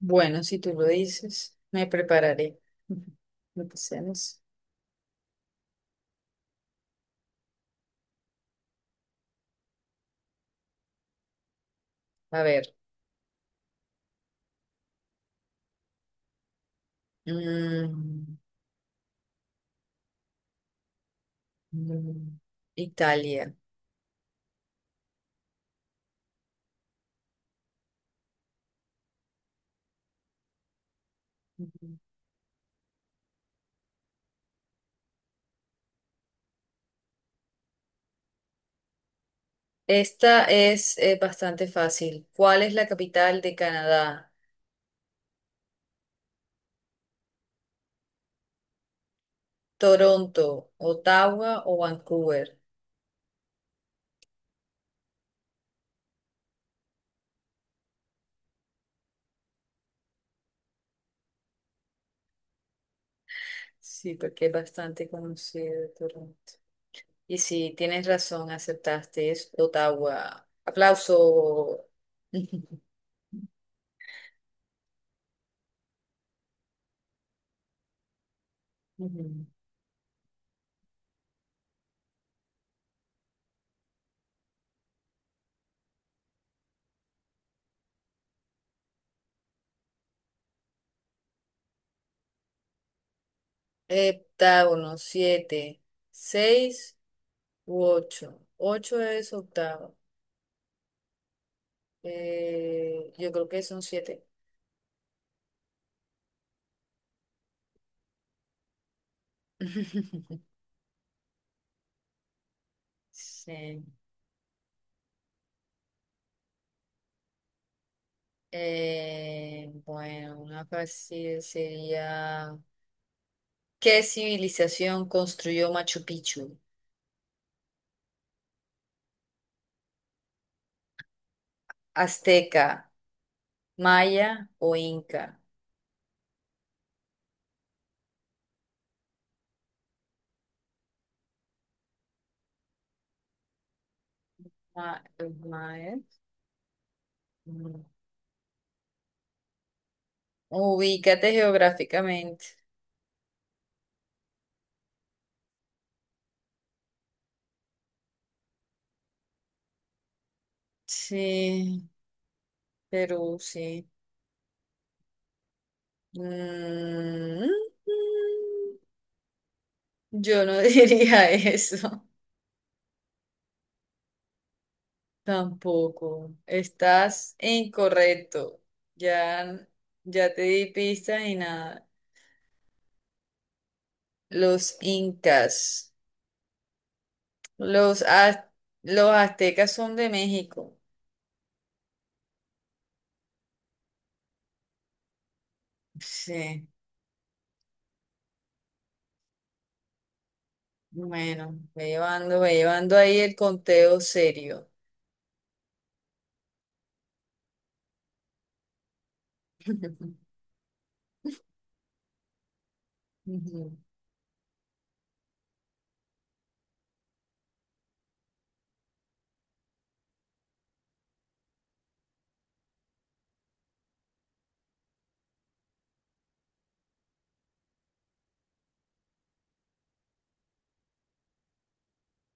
Bueno, si tú lo dices, me prepararé. Empecemos. A ver. mm, mm, Italia. Ujú. Esta es bastante fácil. ¿Cuál es la capital de Canadá? ¿Toronto, Ottawa o Vancouver? Sí, porque es bastante conocido Toronto. Y sí, tienes razón, aceptaste, es Ottawa. Aplauso. Ujú. Heptágono, siete, seis u ocho. Ocho es octavo. Yo creo que son siete. Sí. Bueno, una fácil sería, ¿qué civilización construyó Machu Picchu? ¿Azteca, maya o inca? Ma- maya. Mm. Ubícate geográficamente. Sí, Perú, sí. Mm, yo no diría eso tampoco. Estás incorrecto. Ya, ya te di pistas y nada. Los incas. Los, az- los aztecas son de México. Sí. Bueno, ve llevando ahí el conteo serio. Ujú.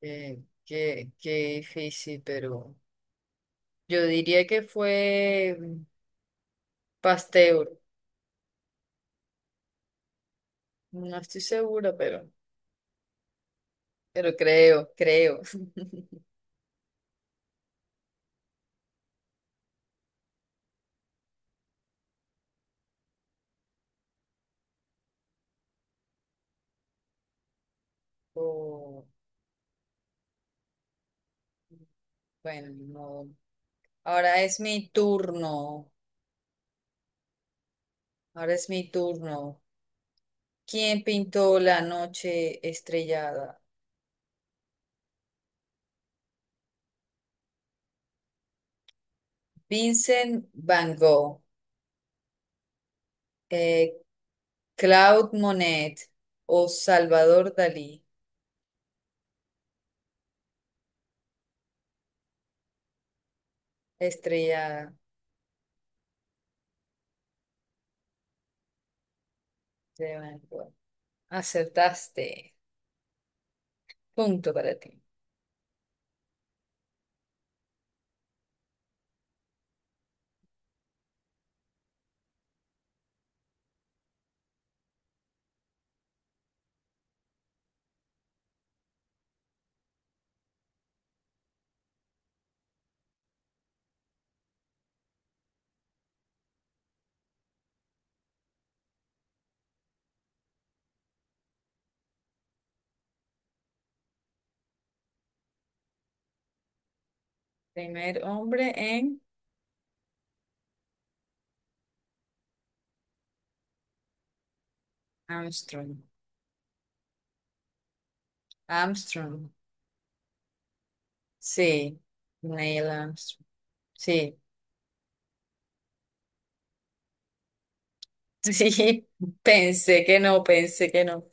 Qué difícil, pero yo diría que fue Pasteur. No estoy segura pero creo, creo. Oh, bueno, no. Ahora es mi turno. Ahora es mi turno. ¿Quién pintó la noche estrellada? Vincent Van Gogh, eh, Claude Monet o Salvador Dalí. La estrellada de Van Gogh. Acertaste. Punto para ti. Primer hombre en Armstrong. Armstrong. Sí, Neil Armstrong. Sí, sí, pensé que no, pensé que no.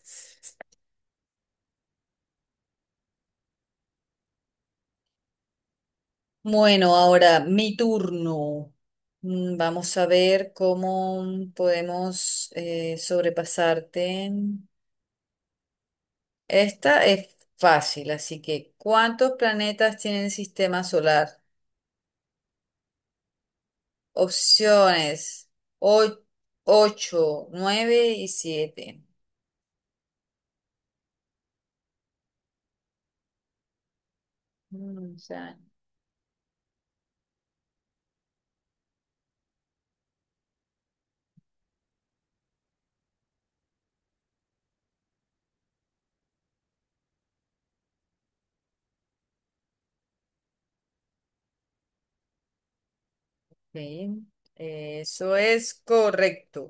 Bueno, ahora mi turno. Vamos a ver cómo podemos sobrepasarte. Esta es fácil, así que ¿cuántos planetas tiene el sistema solar? Opciones ocho, nueve y siete. Eso es correcto.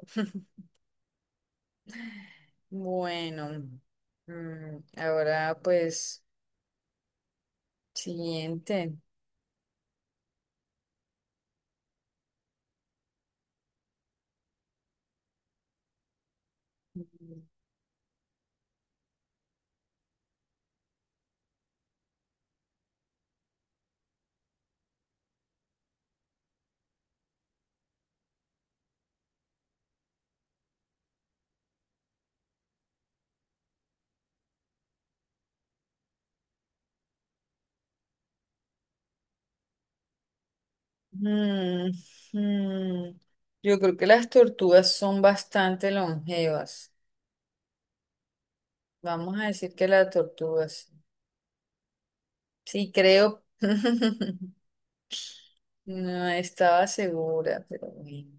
Bueno, ahora pues, siguiente. Mm, mm, Yo creo que las tortugas son bastante longevas. Vamos a decir que las tortugas. Sí, creo. No estaba segura, pero bueno,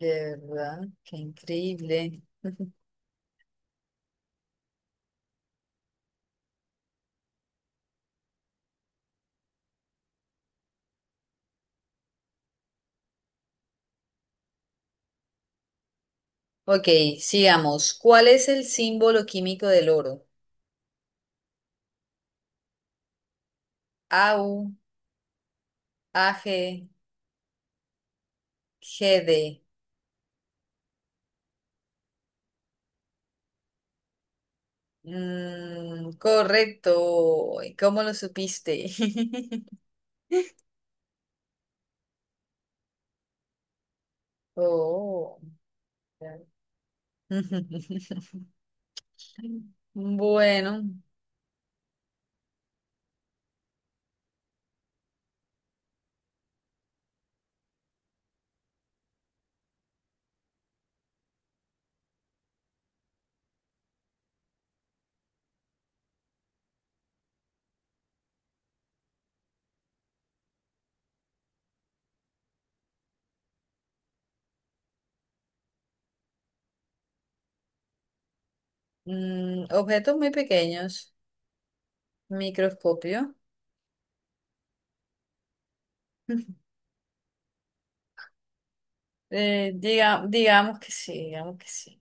de verdad, qué increíble. Ok, sigamos. ¿Cuál es el símbolo químico del oro? Au, Ag, Gd. Mm, correcto. ¿Y cómo lo supiste? Oh. Claro. Bueno, objetos muy pequeños, microscopio. Digamos que sí, digamos que sí.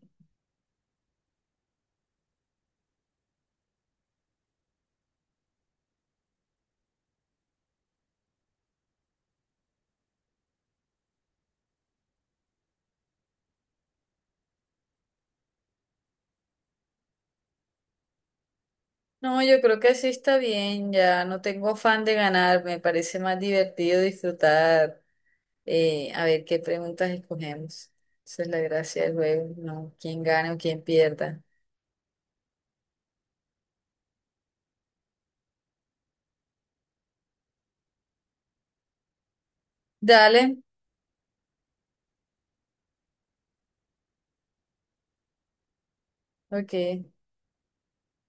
No, yo creo que sí está bien, ya no tengo afán de ganar, me parece más divertido disfrutar, a ver qué preguntas escogemos. Esa es la gracia del juego, ¿no? Quién gane o quién pierda. Dale, Ok,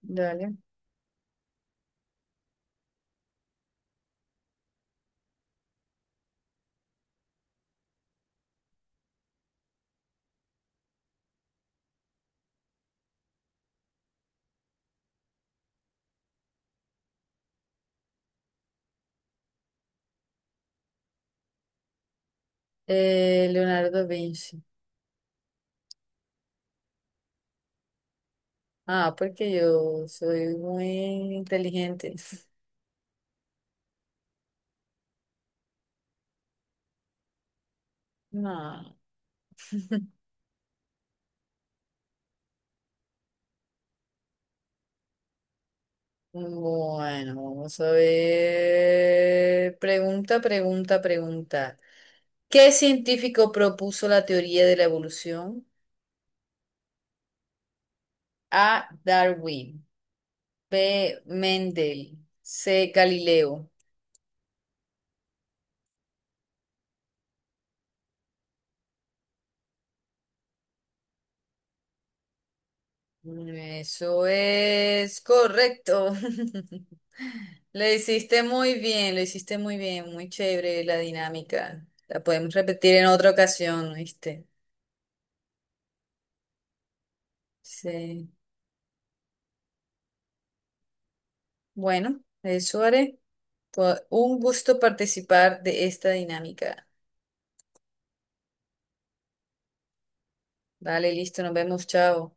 dale. Leonardo da Vinci. Ah, porque yo soy muy inteligente. No. Bueno, vamos a ver. Pregunta, pregunta, pregunta. ¿Qué científico propuso la teoría de la evolución? A. Darwin. B. Mendel. C. Galileo. Eso es correcto. Lo hiciste muy bien, lo hiciste muy bien, muy chévere la dinámica. La podemos repetir en otra ocasión, ¿viste? Sí. Bueno, eso haré. Fue un gusto participar de esta dinámica. Vale, listo, nos vemos, chao.